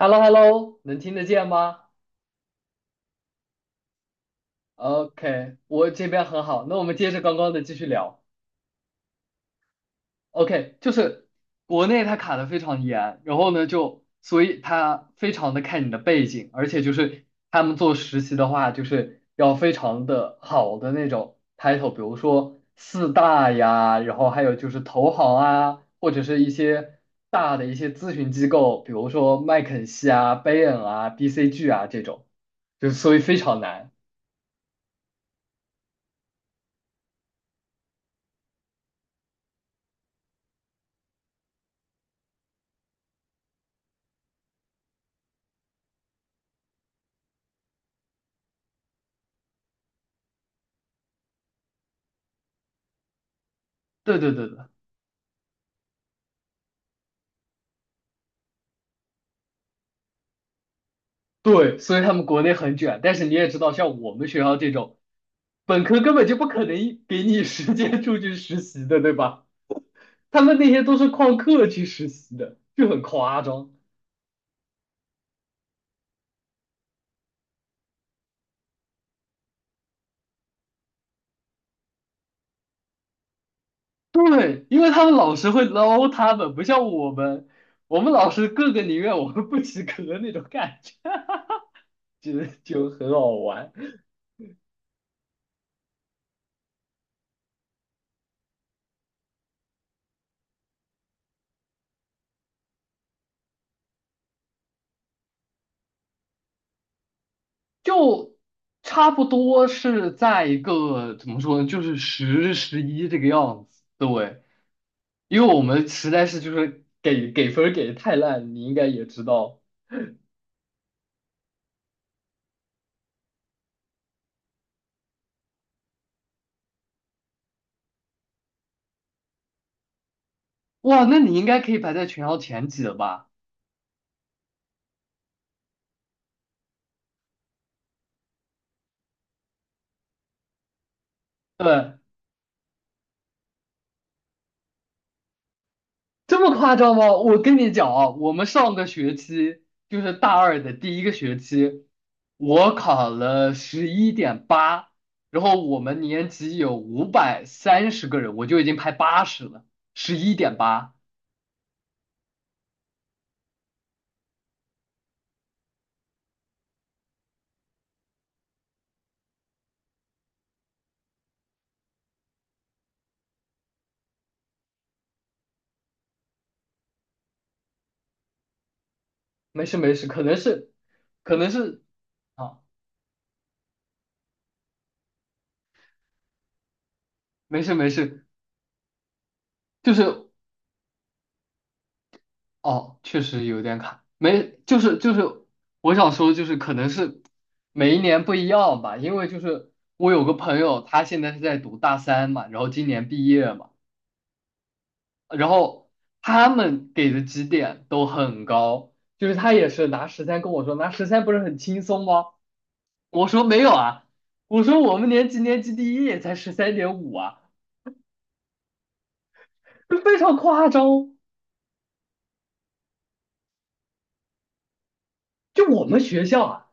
h e l l o h e l l o 能听得见吗？OK，我这边很好。那我们接着刚刚的继续聊。OK，就是国内它卡的非常严，然后呢就所以它非常的看你的背景，而且就是他们做实习的话，就是要非常的好的那种 title，比如说四大呀，然后还有就是投行啊，或者是一些大的一些咨询机构，比如说麦肯锡啊、Bain 啊、BCG 啊这种，就是所以非常难。对对对对对，所以他们国内很卷，但是你也知道，像我们学校这种，本科根本就不可能给你 时间出去实习的，对吧？他们那些都是旷课去实习的，就很夸张。对，因为他们老师会捞他们，不像我们，我们老师个个宁愿我们不及格那种感觉，就很好玩。就差不多是在一个怎么说呢，就是十十一这个样子。对，因为我们实在是就是给分儿给的太烂，你应该也知道。哇，那你应该可以排在全校前几了吧？对。这么夸张吗？我跟你讲啊，我们上个学期就是大二的第一个学期，我考了十一点八，然后我们年级有530个人，我就已经排80了，十一点八，没事没事，可能是，可能是啊，没事没事，就是哦，确实有点卡，没，就是，我想说就是可能是每一年不一样吧，因为就是我有个朋友，他现在是在读大三嘛，然后今年毕业嘛，然后他们给的绩点都很高，就是他也是拿十三跟我说，拿十三不是很轻松吗？我说没有啊，我说我们年级第一也才13.5啊，就非常夸张，就我们学校啊。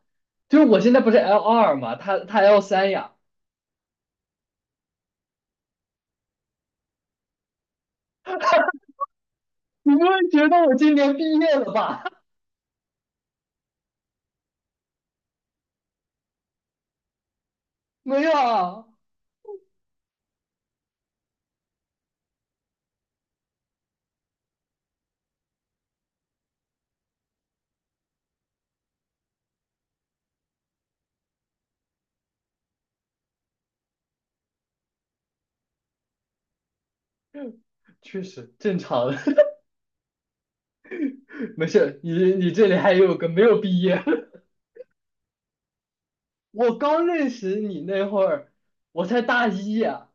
就是我现在不是 L 二嘛，他 L 三呀，你不会觉得我今年毕业了吧？没有啊，确实正常的，没事。你这里还有个没有毕业，我刚认识你那会儿，我才大一啊。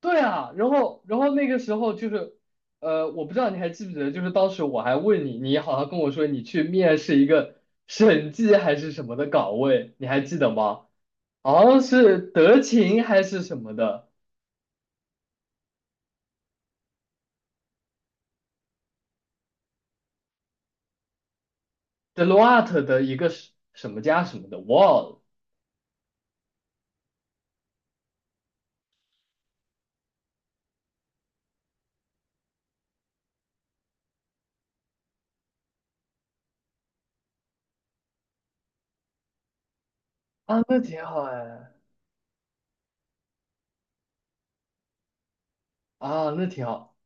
对啊，然后那个时候就是，我不知道你还记不记得，就是当时我还问你，你好像跟我说你去面试一个审计还是什么的岗位，你还记得吗？好像是德勤还是什么的，Deloitte 的一个什么家什么的，忘了。啊，那挺好哎，啊，那挺好，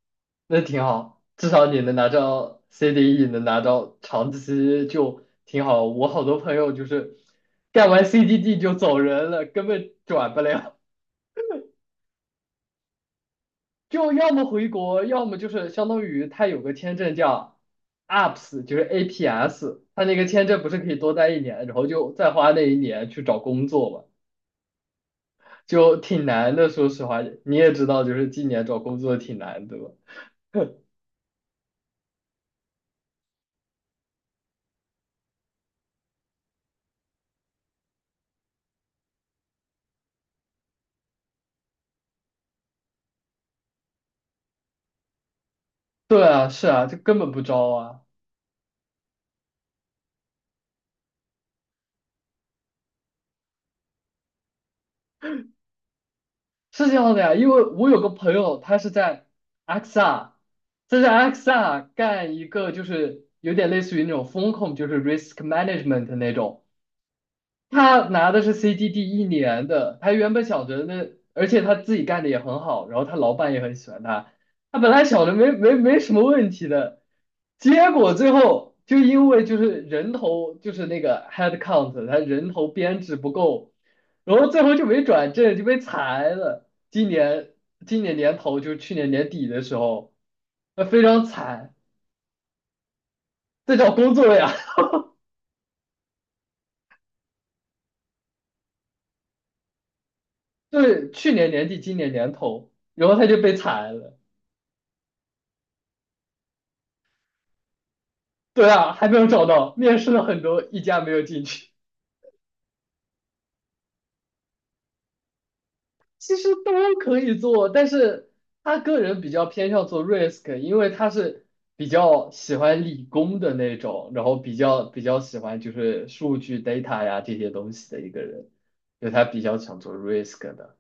那挺好，至少你能拿到 CDE，能拿到长期就挺好。我好多朋友就是干完 CDD 就走人了，根本转不了，就要么回国，要么就是相当于他有个签证叫 APS，就是 APS，他那个签证不是可以多待一年，然后就再花那一年去找工作嘛，就挺难的。说实话，你也知道，就是今年找工作挺难的吧。对啊，是啊，这根本不招啊，是这样的呀。因为我有个朋友，他是在 x r 他在 x r 干一个就是有点类似于那种风控，就是 risk management 那种。他拿的是 CDD 一年的，他原本想着那，而且他自己干的也很好，然后他老板也很喜欢他，他本来想着没什么问题的，结果最后就因为就是人头就是那个 head count，他人头编制不够，然后最后就没转正就被裁了。今年年头就是去年年底的时候，那非常惨，在找工作呀，对，去年年底今年年头，然后他就被裁了。对啊，还没有找到，面试了很多，一家没有进去。其实都可以做，但是他个人比较偏向做 risk，因为他是比较喜欢理工的那种，然后比较喜欢就是数据 data 呀这些东西的一个人，就他比较想做 risk 的。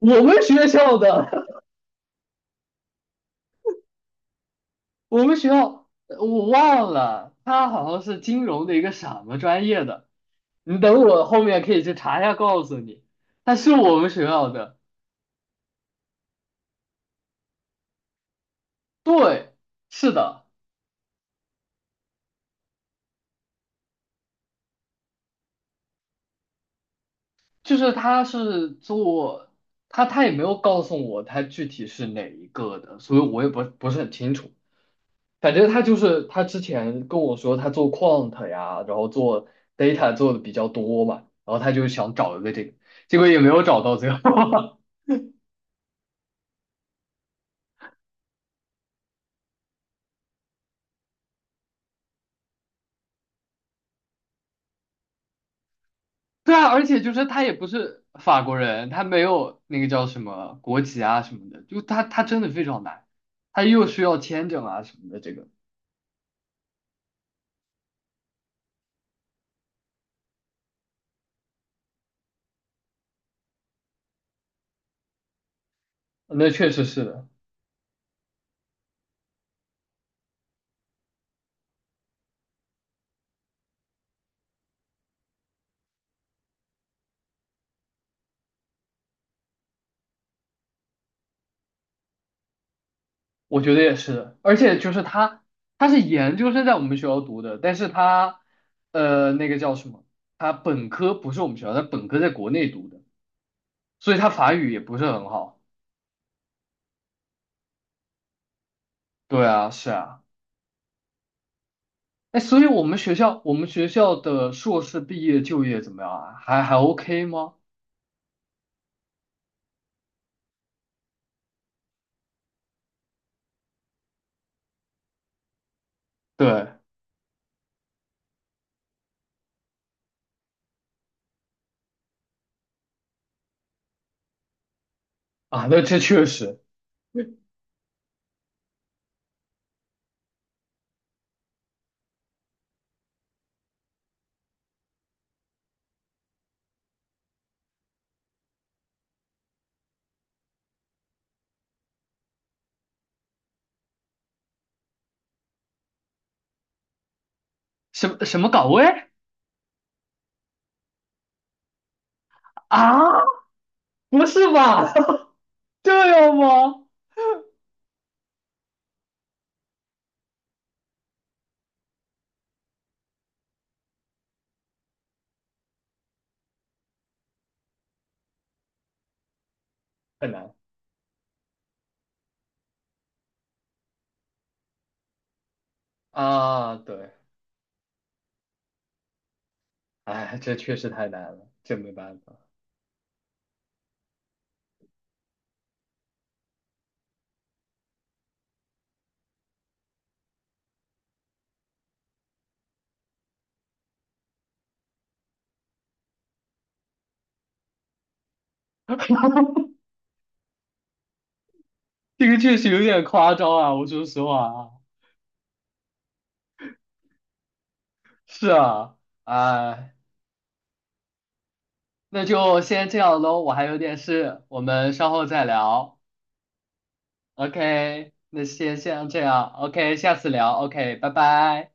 我们学校的，我们学校呃我忘了，他好像是金融的一个什么专业的，你等我后面可以去查一下告诉你，他是我们学校的。对，是的，就是他是做他也没有告诉我他具体是哪一个的，所以我也不是很清楚。反正他就是他之前跟我说他做 quant 呀，然后做 data 做的比较多嘛，然后他就想找一个这个，结果也没有找到最后。对啊，而且就是他也不是法国人，他没有那个叫什么国籍啊什么的，就他真的非常难，他又需要签证啊什么的，这个那确实是的。我觉得也是，而且就是他，他是研究生在我们学校读的，但是他，呃，那个叫什么？他本科不是我们学校，他本科在国内读的，所以他法语也不是很好。对啊，是啊，哎，所以我们学校，我们学校的硕士毕业就业怎么样啊？还 OK 吗？对啊，那这确实，什么什么岗位啊？不是吧？这样吗？很难啊，对，哎，这确实太难了，这没办法。这个确实有点夸张啊，我说实话啊，是啊，哎，那就先这样喽，我还有点事，我们稍后再聊。OK，那先这样，OK，下次聊，OK，拜拜。